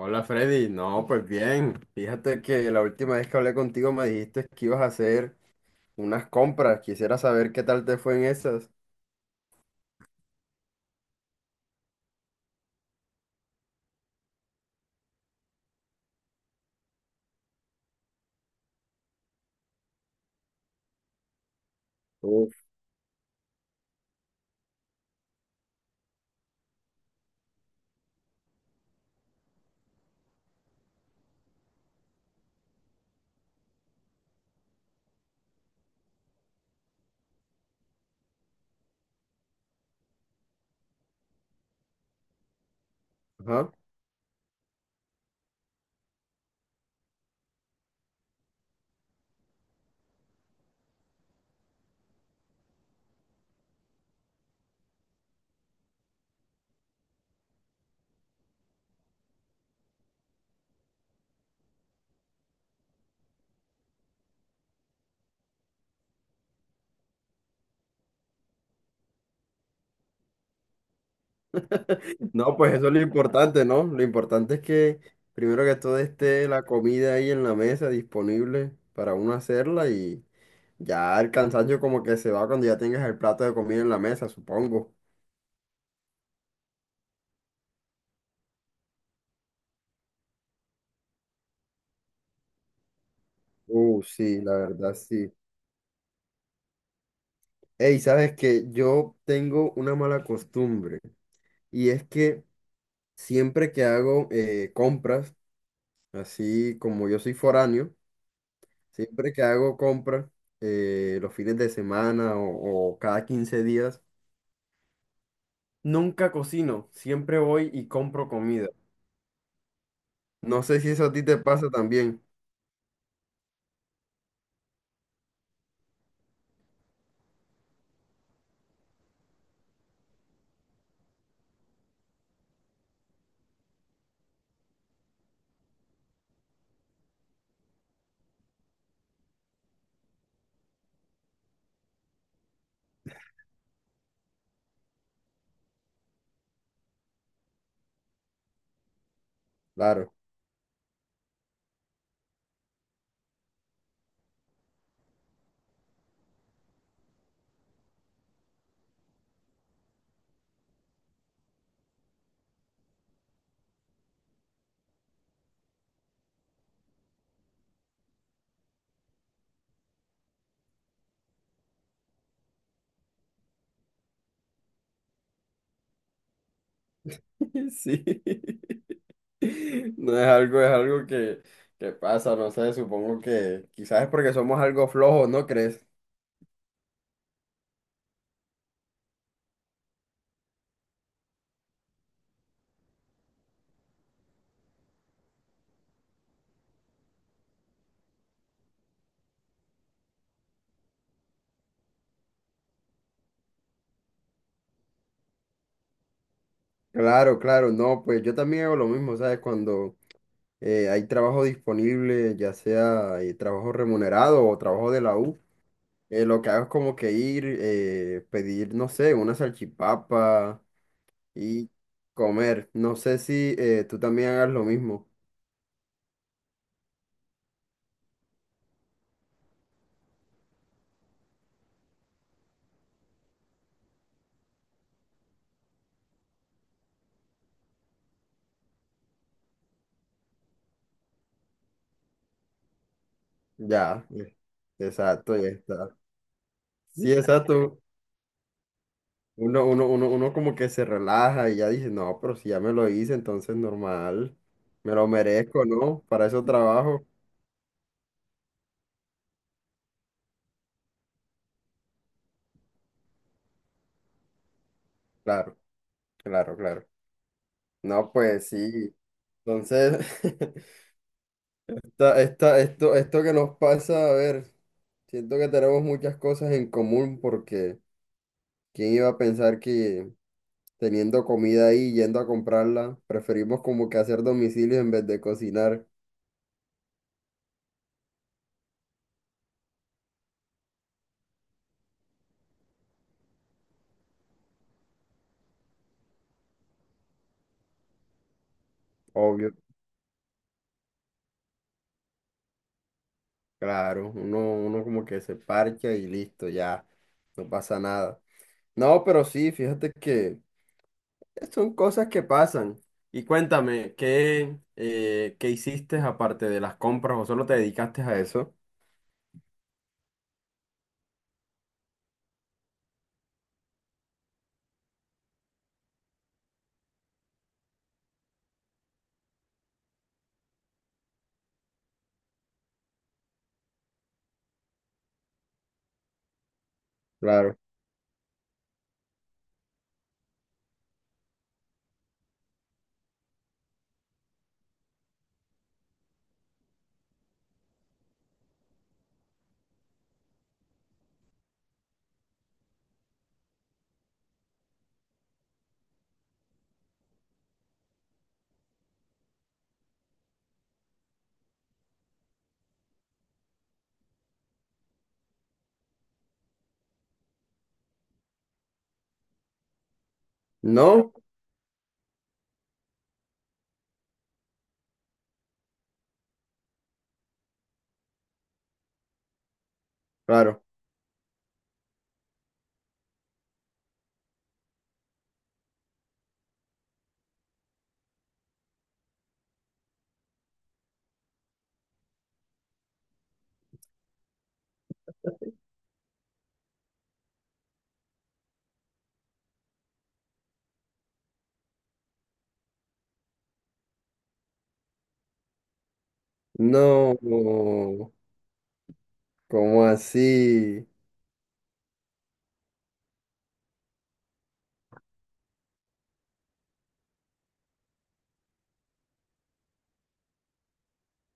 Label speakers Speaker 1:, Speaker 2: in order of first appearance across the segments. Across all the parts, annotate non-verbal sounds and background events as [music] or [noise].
Speaker 1: Hola Freddy, no, pues bien, fíjate que la última vez que hablé contigo me dijiste que ibas a hacer unas compras, quisiera saber qué tal te fue en esas. Uf. Ajá. No, pues eso es lo importante, ¿no? Lo importante es que primero que todo esté la comida ahí en la mesa disponible para uno hacerla y ya el cansancio como que se va cuando ya tengas el plato de comida en la mesa, supongo. Sí, la verdad sí. Ey, sabes que yo tengo una mala costumbre y es que siempre que hago compras, así como yo soy foráneo, siempre que hago compras los fines de semana o cada 15 días, nunca cocino, siempre voy y compro comida. No sé si eso a ti te pasa también. Claro. [laughs] Sí, [laughs] no es algo, es algo que pasa, no sé, supongo que quizás es porque somos algo flojos, ¿no crees? Claro, claro, no, pues yo también hago lo mismo, ¿sabes? Cuando hay trabajo disponible, ya sea trabajo remunerado o trabajo de la U. Lo que hago es como que ir, pedir, no sé, una salchipapa y comer. No sé si tú también hagas lo mismo. Ya, exacto, ya está. Sí, exacto. Uno como que se relaja y ya dice, no, pero si ya me lo hice, entonces normal. Me lo merezco, ¿no? Para eso trabajo. Claro, claro, claro. No, pues sí. Entonces, [laughs] esto que nos pasa, a ver, siento que tenemos muchas cosas en común porque quién iba a pensar que teniendo comida ahí, yendo a comprarla, preferimos como que hacer domicilio en vez de cocinar, obvio, claro, uno como que se parcha y listo, ya, no pasa nada. No, pero sí, fíjate que son cosas que pasan. Y cuéntame, ¿qué hiciste aparte de las compras o solo te dedicaste a eso? Claro. No, claro. No, ¿cómo así?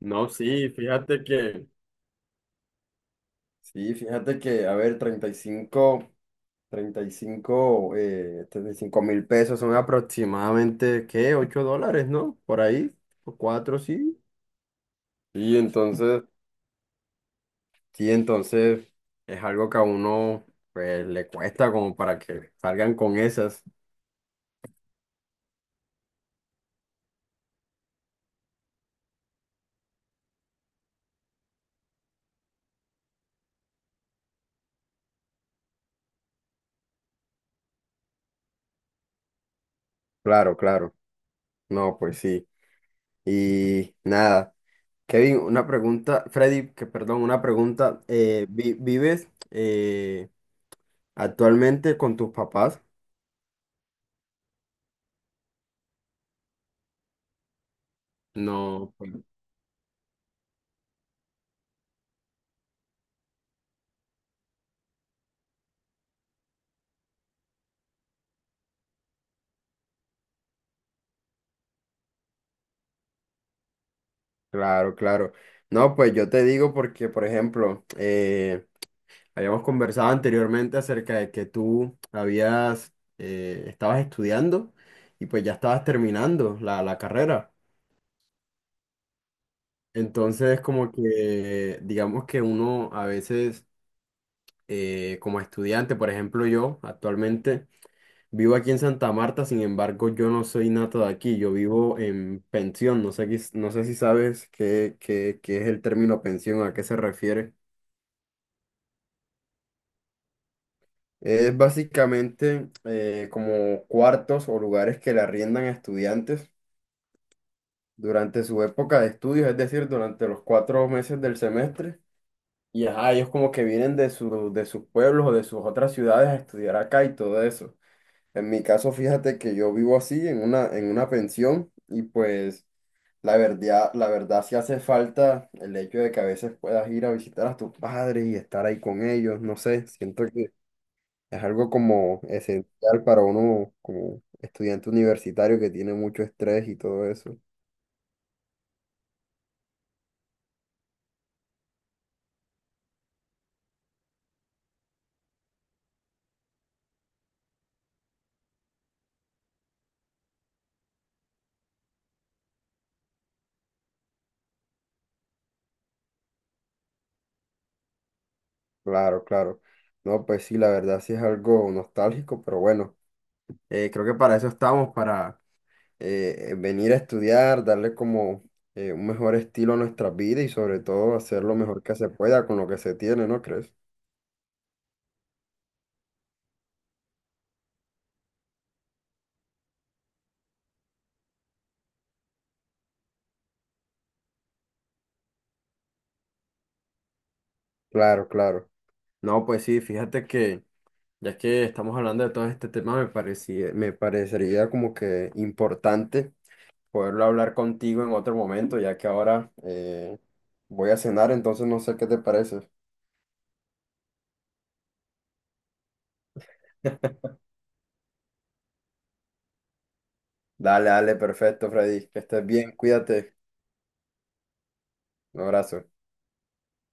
Speaker 1: No, sí, fíjate que, a ver, 35, 35, 35.000 pesos son aproximadamente, ¿qué? 8 dólares, ¿no? Por ahí, o 4, sí. Y entonces, sí, entonces es algo que a uno, pues, le cuesta como para que salgan con esas. Claro, claro. No, pues sí. Y nada. Kevin, una pregunta, Freddy, que perdón, una pregunta. ¿Vives actualmente con tus papás? No, pues, claro, claro. No, pues yo te digo porque, por ejemplo, habíamos conversado anteriormente acerca de que estabas estudiando y pues ya estabas terminando la carrera. Entonces, como que, digamos que uno a veces, como estudiante, por ejemplo, yo actualmente vivo aquí en Santa Marta, sin embargo, yo no soy nato de aquí, yo vivo en pensión, no sé, no sé si sabes qué es el término pensión, a qué se refiere. Es básicamente como cuartos o lugares que le arriendan a estudiantes durante su época de estudios, es decir, durante los 4 meses del semestre. Y ajá, ellos como que vienen de sus pueblos o de sus otras ciudades a estudiar acá y todo eso. En mi caso, fíjate que yo vivo así en una pensión y pues la verdad sí hace falta el hecho de que a veces puedas ir a visitar a tus padres y estar ahí con ellos, no sé, siento que es algo como esencial para uno como estudiante universitario que tiene mucho estrés y todo eso. Claro, claro. No, pues sí, la verdad sí es algo nostálgico, pero bueno, creo que para eso estamos, venir a estudiar, darle como un mejor estilo a nuestra vida y sobre todo hacer lo mejor que se pueda con lo que se tiene, ¿no crees? Claro, claro. No, pues sí, fíjate que ya que estamos hablando de todo este tema, me parecería como que importante poderlo hablar contigo en otro momento, ya que ahora voy a cenar, entonces no sé qué te parece. [laughs] Dale, dale, perfecto, Freddy, que estés bien, cuídate, un abrazo.